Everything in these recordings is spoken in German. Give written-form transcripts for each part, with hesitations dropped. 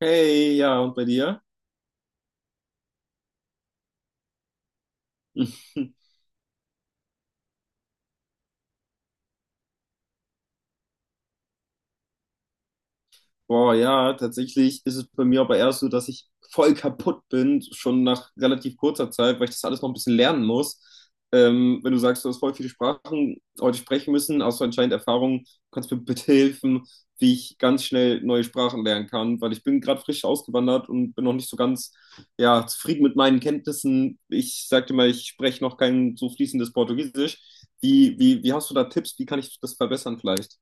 Hey, ja, und bei dir? Boah, ja, tatsächlich ist es bei mir aber erst so, dass ich voll kaputt bin, schon nach relativ kurzer Zeit, weil ich das alles noch ein bisschen lernen muss. Wenn du sagst, du hast voll viele Sprachen heute sprechen müssen, hast du anscheinend Erfahrung, kannst mir bitte helfen, wie ich ganz schnell neue Sprachen lernen kann, weil ich bin gerade frisch ausgewandert und bin noch nicht so ganz, ja, zufrieden mit meinen Kenntnissen. Ich sagte mal, ich spreche noch kein so fließendes Portugiesisch. Wie hast du da Tipps? Wie kann ich das verbessern vielleicht?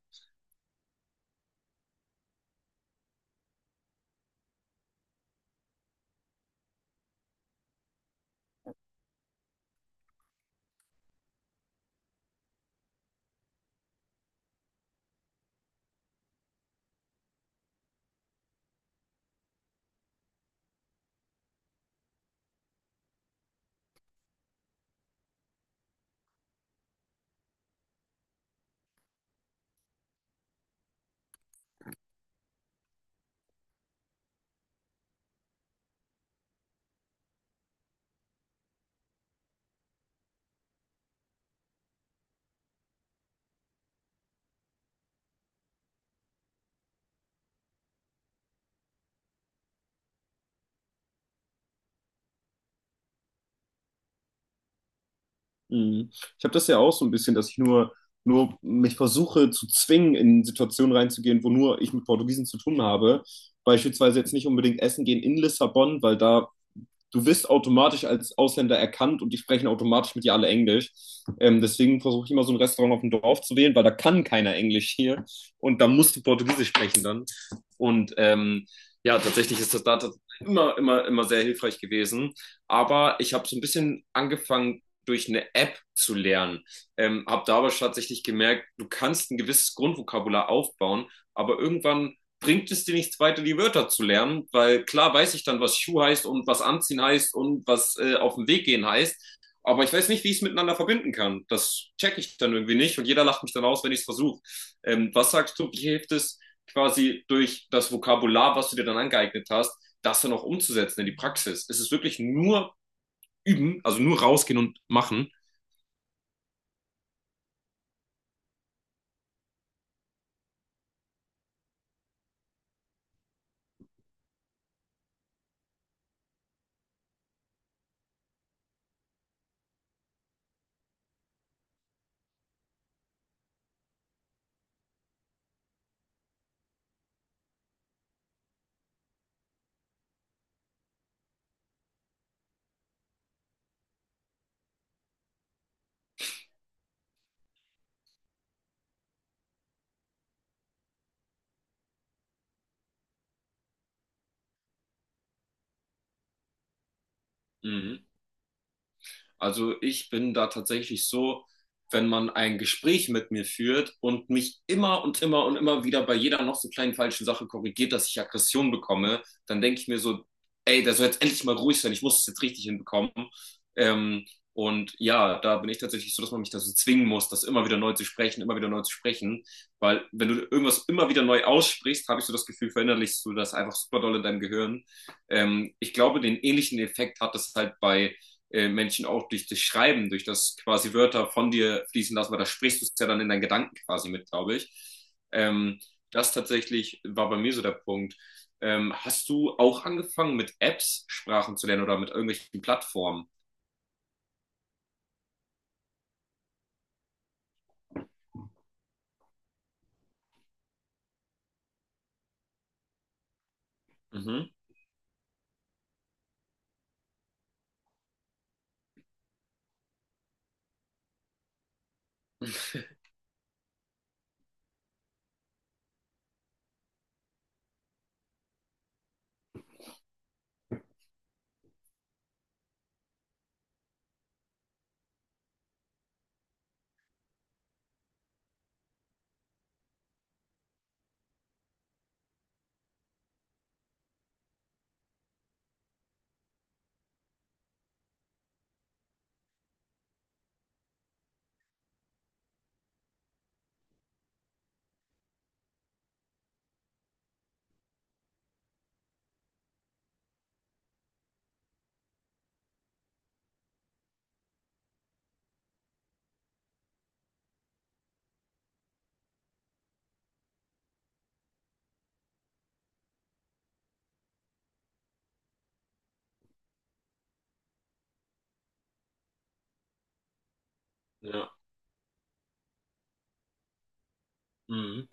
Mhm. Ich habe das ja auch so ein bisschen, dass ich nur mich versuche zu zwingen, in Situationen reinzugehen, wo nur ich mit Portugiesen zu tun habe. Beispielsweise jetzt nicht unbedingt essen gehen in Lissabon, weil da du wirst automatisch als Ausländer erkannt und die sprechen automatisch mit dir alle Englisch. Deswegen versuche ich immer so ein Restaurant auf dem Dorf zu wählen, weil da kann keiner Englisch hier und da musst du Portugiesisch sprechen dann. Und ja, tatsächlich ist das da immer, immer, immer sehr hilfreich gewesen. Aber ich habe so ein bisschen angefangen, durch eine App zu lernen. Habe da aber tatsächlich gemerkt, du kannst ein gewisses Grundvokabular aufbauen, aber irgendwann bringt es dir nichts weiter, die Wörter zu lernen, weil klar weiß ich dann, was Schuh heißt und was anziehen heißt und was auf den Weg gehen heißt, aber ich weiß nicht, wie ich es miteinander verbinden kann. Das checke ich dann irgendwie nicht und jeder lacht mich dann aus, wenn ich es versuche. Was sagst du, wie hilft es quasi durch das Vokabular, was du dir dann angeeignet hast, das dann auch umzusetzen in die Praxis? Ist es wirklich nur üben, also nur rausgehen und machen? Mhm. Also ich bin da tatsächlich so, wenn man ein Gespräch mit mir führt und mich immer und immer und immer wieder bei jeder noch so kleinen falschen Sache korrigiert, dass ich Aggression bekomme, dann denke ich mir so, ey, der soll jetzt endlich mal ruhig sein, ich muss es jetzt richtig hinbekommen. Ähm, und ja, da bin ich tatsächlich so, dass man mich dazu zwingen muss, das immer wieder neu zu sprechen, immer wieder neu zu sprechen. Weil wenn du irgendwas immer wieder neu aussprichst, habe ich so das Gefühl, verinnerlichst du das einfach super doll in deinem Gehirn. Ich glaube, den ähnlichen Effekt hat es halt bei Menschen auch durch das Schreiben, durch das quasi Wörter von dir fließen lassen, weil da sprichst du es ja dann in deinen Gedanken quasi mit, glaube ich. Ähm, das tatsächlich war bei mir so der Punkt. Hast du auch angefangen mit Apps Sprachen zu lernen oder mit irgendwelchen Plattformen? Mhm. Ja. Mhm.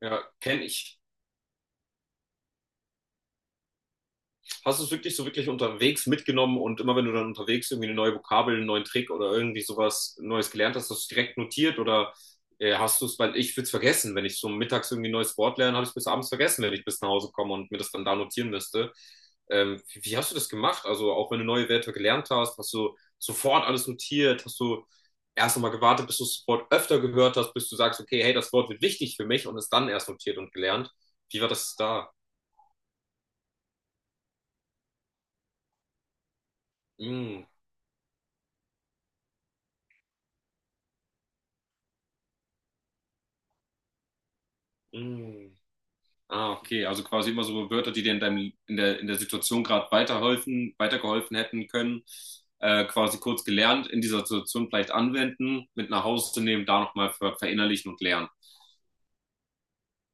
Ja, kenne ich hast du es wirklich so wirklich unterwegs mitgenommen und immer wenn du dann unterwegs irgendwie eine neue Vokabel, einen neuen Trick oder irgendwie sowas Neues gelernt hast, hast du es direkt notiert oder hast du es, weil ich würde es vergessen, wenn ich so mittags irgendwie ein neues Wort lerne, habe ich es bis abends vergessen, wenn ich bis nach Hause komme und mir das dann da notieren müsste. Wie hast du das gemacht? Also auch wenn du neue Wörter gelernt hast, hast du sofort alles notiert, hast du erst einmal gewartet, bis du das Wort öfter gehört hast, bis du sagst, okay, hey, das Wort wird wichtig für mich und es dann erst notiert und gelernt. Wie war das da? Mm, mm. Ah, okay. Also quasi immer so Wörter, die dir in deinem, in der Situation gerade weiterhelfen, weitergeholfen hätten können, quasi kurz gelernt, in dieser Situation vielleicht anwenden, mit nach Hause nehmen, da nochmal verinnerlichen und lernen.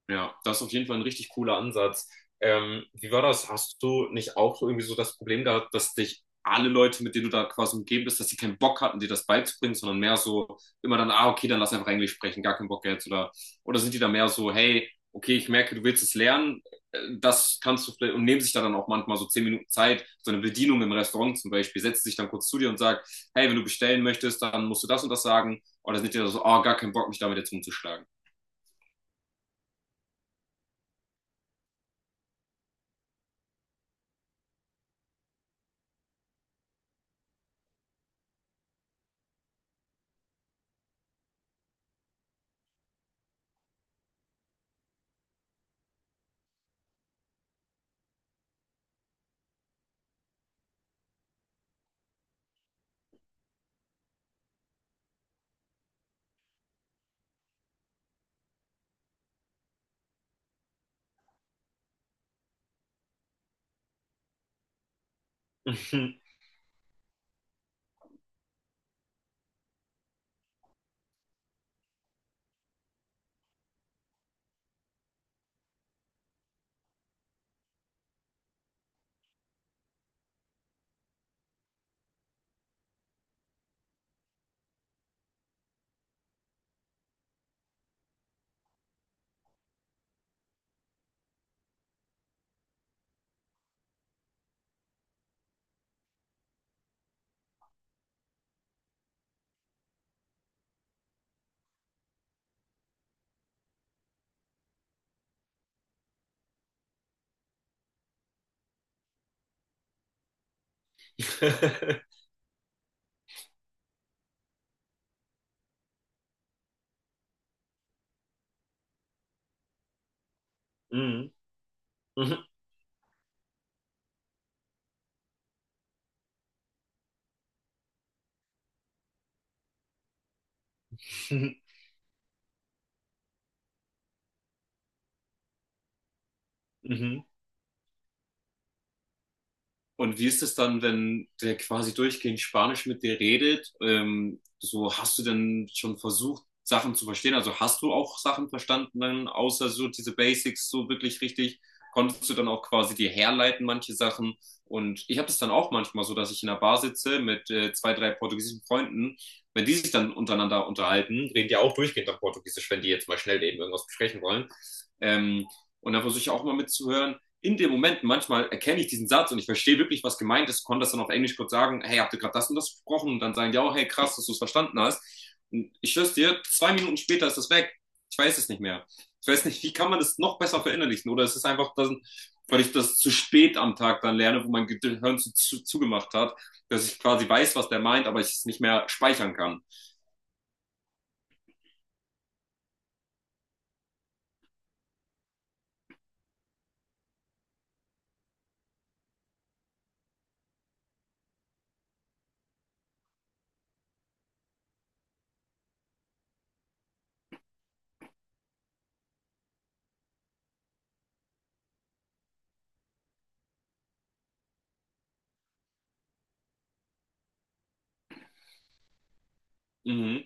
Ja, das ist auf jeden Fall ein richtig cooler Ansatz. Wie war das? Hast du nicht auch so irgendwie so das Problem gehabt, dass dich alle Leute, mit denen du da quasi umgeben bist, dass sie keinen Bock hatten, dir das beizubringen, sondern mehr so immer dann, ah, okay, dann lass einfach Englisch sprechen, gar keinen Bock jetzt oder sind die da mehr so, hey, okay, ich merke, du willst es lernen, das kannst du vielleicht und nehmen sich da dann auch manchmal so 10 Minuten Zeit, so eine Bedienung im Restaurant zum Beispiel, setzt sich dann kurz zu dir und sagt, hey, wenn du bestellen möchtest, dann musst du das und das sagen oder sind die da so, ah, gar keinen Bock, mich damit jetzt rumzuschlagen. Mhm. Mhm. Mhm. Und wie ist es dann, wenn der quasi durchgehend Spanisch mit dir redet? So hast du denn schon versucht, Sachen zu verstehen? Also hast du auch Sachen verstanden, dann außer so diese Basics so wirklich richtig? Konntest du dann auch quasi dir herleiten, manche Sachen? Und ich habe das dann auch manchmal so, dass ich in einer Bar sitze mit zwei, drei portugiesischen Freunden. Wenn die sich dann untereinander unterhalten, reden die auch durchgehend auf Portugiesisch, wenn die jetzt mal schnell eben irgendwas besprechen wollen. Ähm, und da versuche ich auch mal mitzuhören. In dem Moment, manchmal erkenne ich diesen Satz und ich verstehe wirklich, was gemeint ist, konnte das dann auf Englisch kurz sagen, hey, habt ihr gerade das und das gesprochen? Und dann sagen die auch, hey, krass, dass du es verstanden hast. Und ich schwör's dir, 2 Minuten später ist das weg. Ich weiß es nicht mehr. Ich weiß nicht, wie kann man das noch besser verinnerlichen? Oder es ist einfach, dass, weil ich das zu spät am Tag dann lerne, wo mein Gehirn zugemacht hat, dass ich quasi weiß, was der meint, aber ich es nicht mehr speichern kann. Mhm,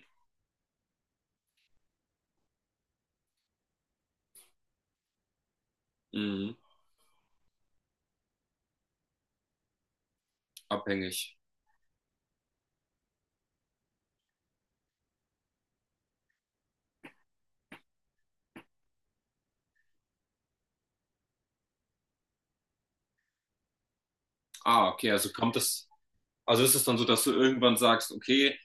mhm, abhängig. Ah, okay, also kommt das. Also ist es dann so, dass du irgendwann sagst, okay,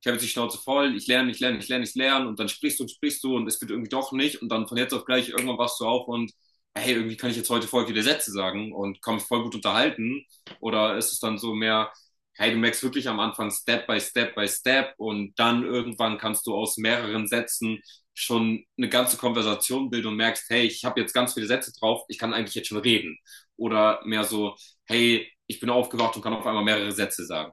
ich habe jetzt die Schnauze voll, ich lerne, ich lerne, ich lerne, ich lerne und dann sprichst du und es wird irgendwie doch nicht und dann von jetzt auf gleich irgendwann wachst du auf und hey, irgendwie kann ich jetzt heute voll viele Sätze sagen und kann mich voll gut unterhalten oder ist es dann so mehr, hey, du merkst wirklich am Anfang Step by Step by Step und dann irgendwann kannst du aus mehreren Sätzen schon eine ganze Konversation bilden und merkst, hey, ich habe jetzt ganz viele Sätze drauf, ich kann eigentlich jetzt schon reden oder mehr so hey, ich bin aufgewacht und kann auf einmal mehrere Sätze sagen.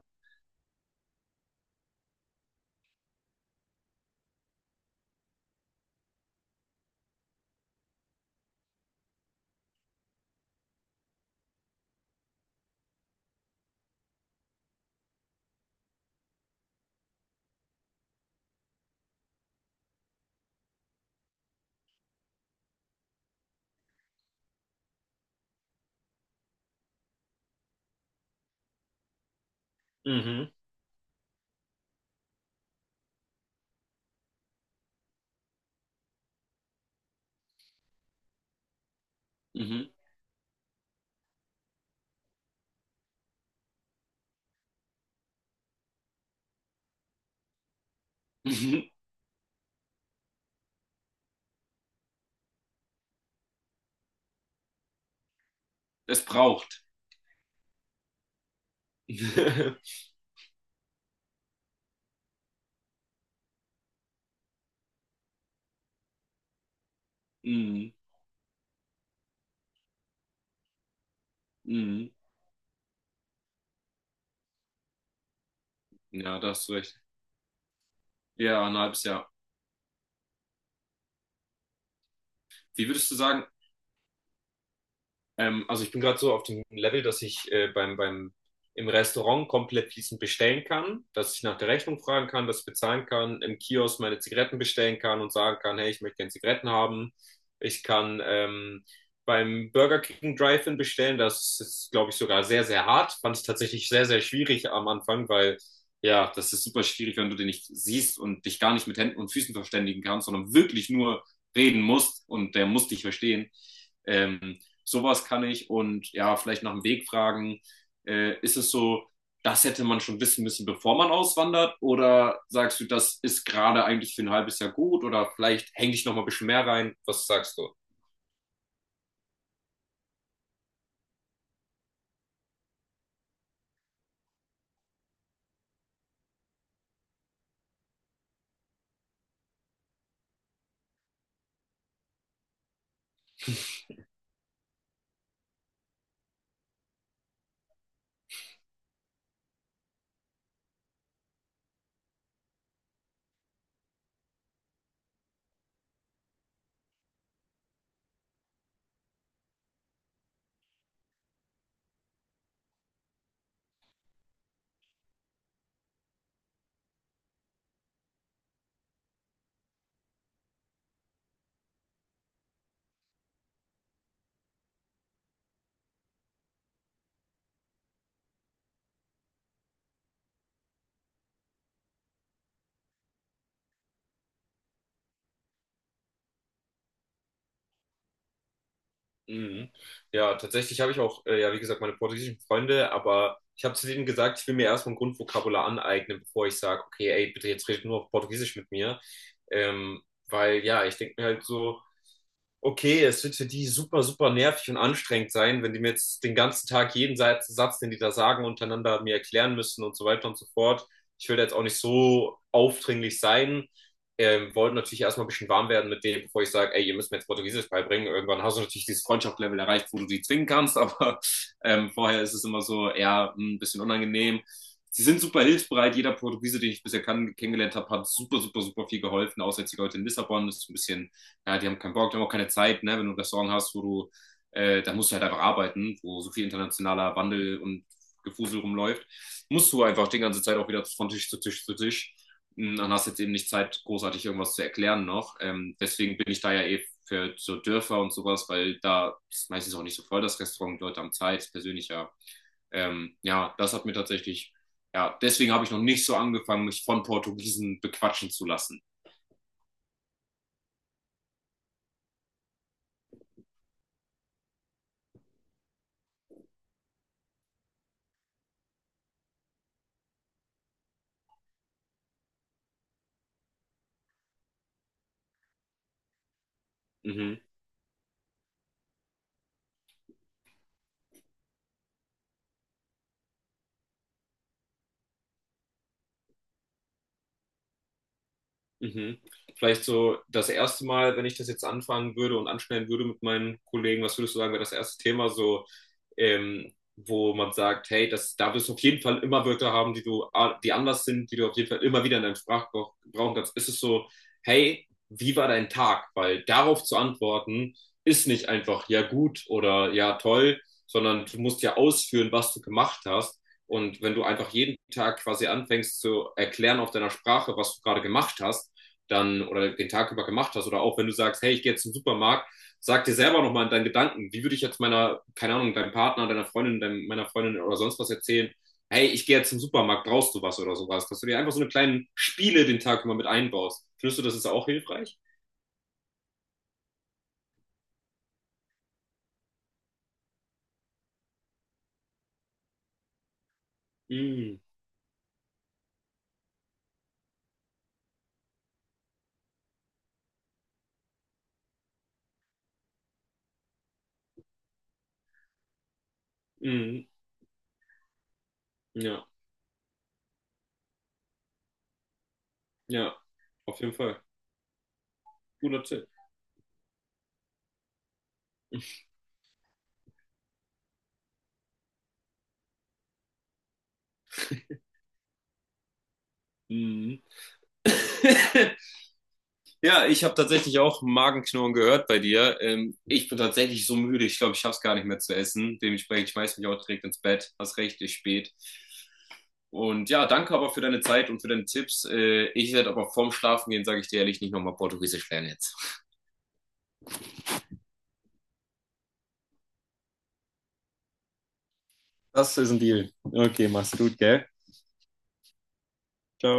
Mhm. Mhm. Es braucht. Mhm. Mhm. Ja, da hast du recht. Ja, ein halbes Jahr. Wie würdest du sagen, also ich bin gerade so auf dem Level, dass ich im Restaurant komplett fließend bestellen kann, dass ich nach der Rechnung fragen kann, dass ich bezahlen kann, im Kiosk meine Zigaretten bestellen kann und sagen kann, hey, ich möchte gerne Zigaretten haben. Ich kann beim Burger King Drive-In bestellen. Das ist, glaube ich, sogar sehr, sehr hart. Fand ich tatsächlich sehr, sehr schwierig am Anfang, weil ja, das ist super schwierig, wenn du den nicht siehst und dich gar nicht mit Händen und Füßen verständigen kannst, sondern wirklich nur reden musst und der muss dich verstehen. Ähm, sowas kann ich und ja, vielleicht nach dem Weg fragen. Ist es so, das hätte man schon wissen müssen, bevor man auswandert? Oder sagst du, das ist gerade eigentlich für ein halbes Jahr gut? Oder vielleicht hänge ich noch mal ein bisschen mehr rein? Was sagst du? Mhm. Ja, tatsächlich habe ich auch, ja, wie gesagt, meine portugiesischen Freunde, aber ich habe zu denen gesagt, ich will mir erstmal ein Grundvokabular aneignen, bevor ich sage, okay, ey, bitte jetzt redet nur auf Portugiesisch mit mir. Ähm, weil ja, ich denke mir halt so, okay, es wird für die super, super nervig und anstrengend sein, wenn die mir jetzt den ganzen Tag jeden Satz, den die da sagen, untereinander mir erklären müssen und so weiter und so fort. Ich will da jetzt auch nicht so aufdringlich sein. Wollte natürlich erstmal ein bisschen warm werden mit dem, bevor ich sage, ey, ihr müsst mir jetzt Portugiesisch beibringen. Irgendwann hast du natürlich dieses Freundschaftslevel erreicht, wo du die zwingen kannst, aber vorher ist es immer so eher hm, ein bisschen unangenehm. Sie sind super hilfsbereit. Jeder Portugiese, den ich bisher kann, kennengelernt habe, hat super, super, super viel geholfen. Außer jetzt die Leute in Lissabon, das ist ein bisschen ja, die haben keinen Bock, die haben auch keine Zeit, ne? Wenn du ein Restaurant hast, wo du, da musst du halt einfach arbeiten, wo so viel internationaler Wandel und Gefusel rumläuft, musst du einfach die ganze Zeit auch wieder von Tisch zu Tisch zu Tisch. Hm, dann hast du jetzt eben nicht Zeit, großartig irgendwas zu erklären noch. Deswegen bin ich da ja eh für so Dörfer und sowas, weil da ist meistens auch nicht so voll das Restaurant, Leute haben Zeit, ist persönlicher. Ja, das hat mir tatsächlich, ja, deswegen habe ich noch nicht so angefangen, mich von Portugiesen bequatschen zu lassen. Mhm, mhm. Vielleicht so das erste Mal, wenn ich das jetzt anfangen würde und anschneiden würde mit meinen Kollegen, was würdest du sagen, wäre das erste Thema so wo man sagt, hey, das, da wirst du auf jeden Fall immer Wörter haben, die du, die anders sind, die du auf jeden Fall immer wieder in deinem Sprachgebrauch brauchen kannst, ist es so, hey, wie war dein Tag? Weil darauf zu antworten, ist nicht einfach ja gut oder ja toll, sondern du musst ja ausführen, was du gemacht hast. Und wenn du einfach jeden Tag quasi anfängst zu erklären auf deiner Sprache, was du gerade gemacht hast, dann oder den Tag über gemacht hast, oder auch wenn du sagst, hey, ich gehe jetzt zum Supermarkt, sag dir selber nochmal in deinen Gedanken, wie würde ich jetzt meiner, keine Ahnung, deinem Partner, deiner Freundin, deinem, meiner Freundin oder sonst was erzählen, hey, ich gehe jetzt zum Supermarkt, brauchst du was oder sowas, dass du dir einfach so eine kleinen Spiele den Tag immer mit einbaust. Findest du, das ist auch hilfreich? Mm, mm, ja, ja, auf jeden Fall. Guter Tipp. Mhm. Ja, ich habe tatsächlich auch Magenknurren gehört bei dir. Ich bin tatsächlich so müde, ich glaube, ich schaff's gar nicht mehr zu essen. Dementsprechend ich schmeiß mich auch direkt ins Bett. Hast recht, ist spät. Und ja, danke aber für deine Zeit und für deine Tipps. Ich werde aber vorm Schlafen gehen, sage ich dir ehrlich, nicht nochmal Portugiesisch lernen jetzt. Das ist ein Deal. Okay, mach's gut, gell? Ciao.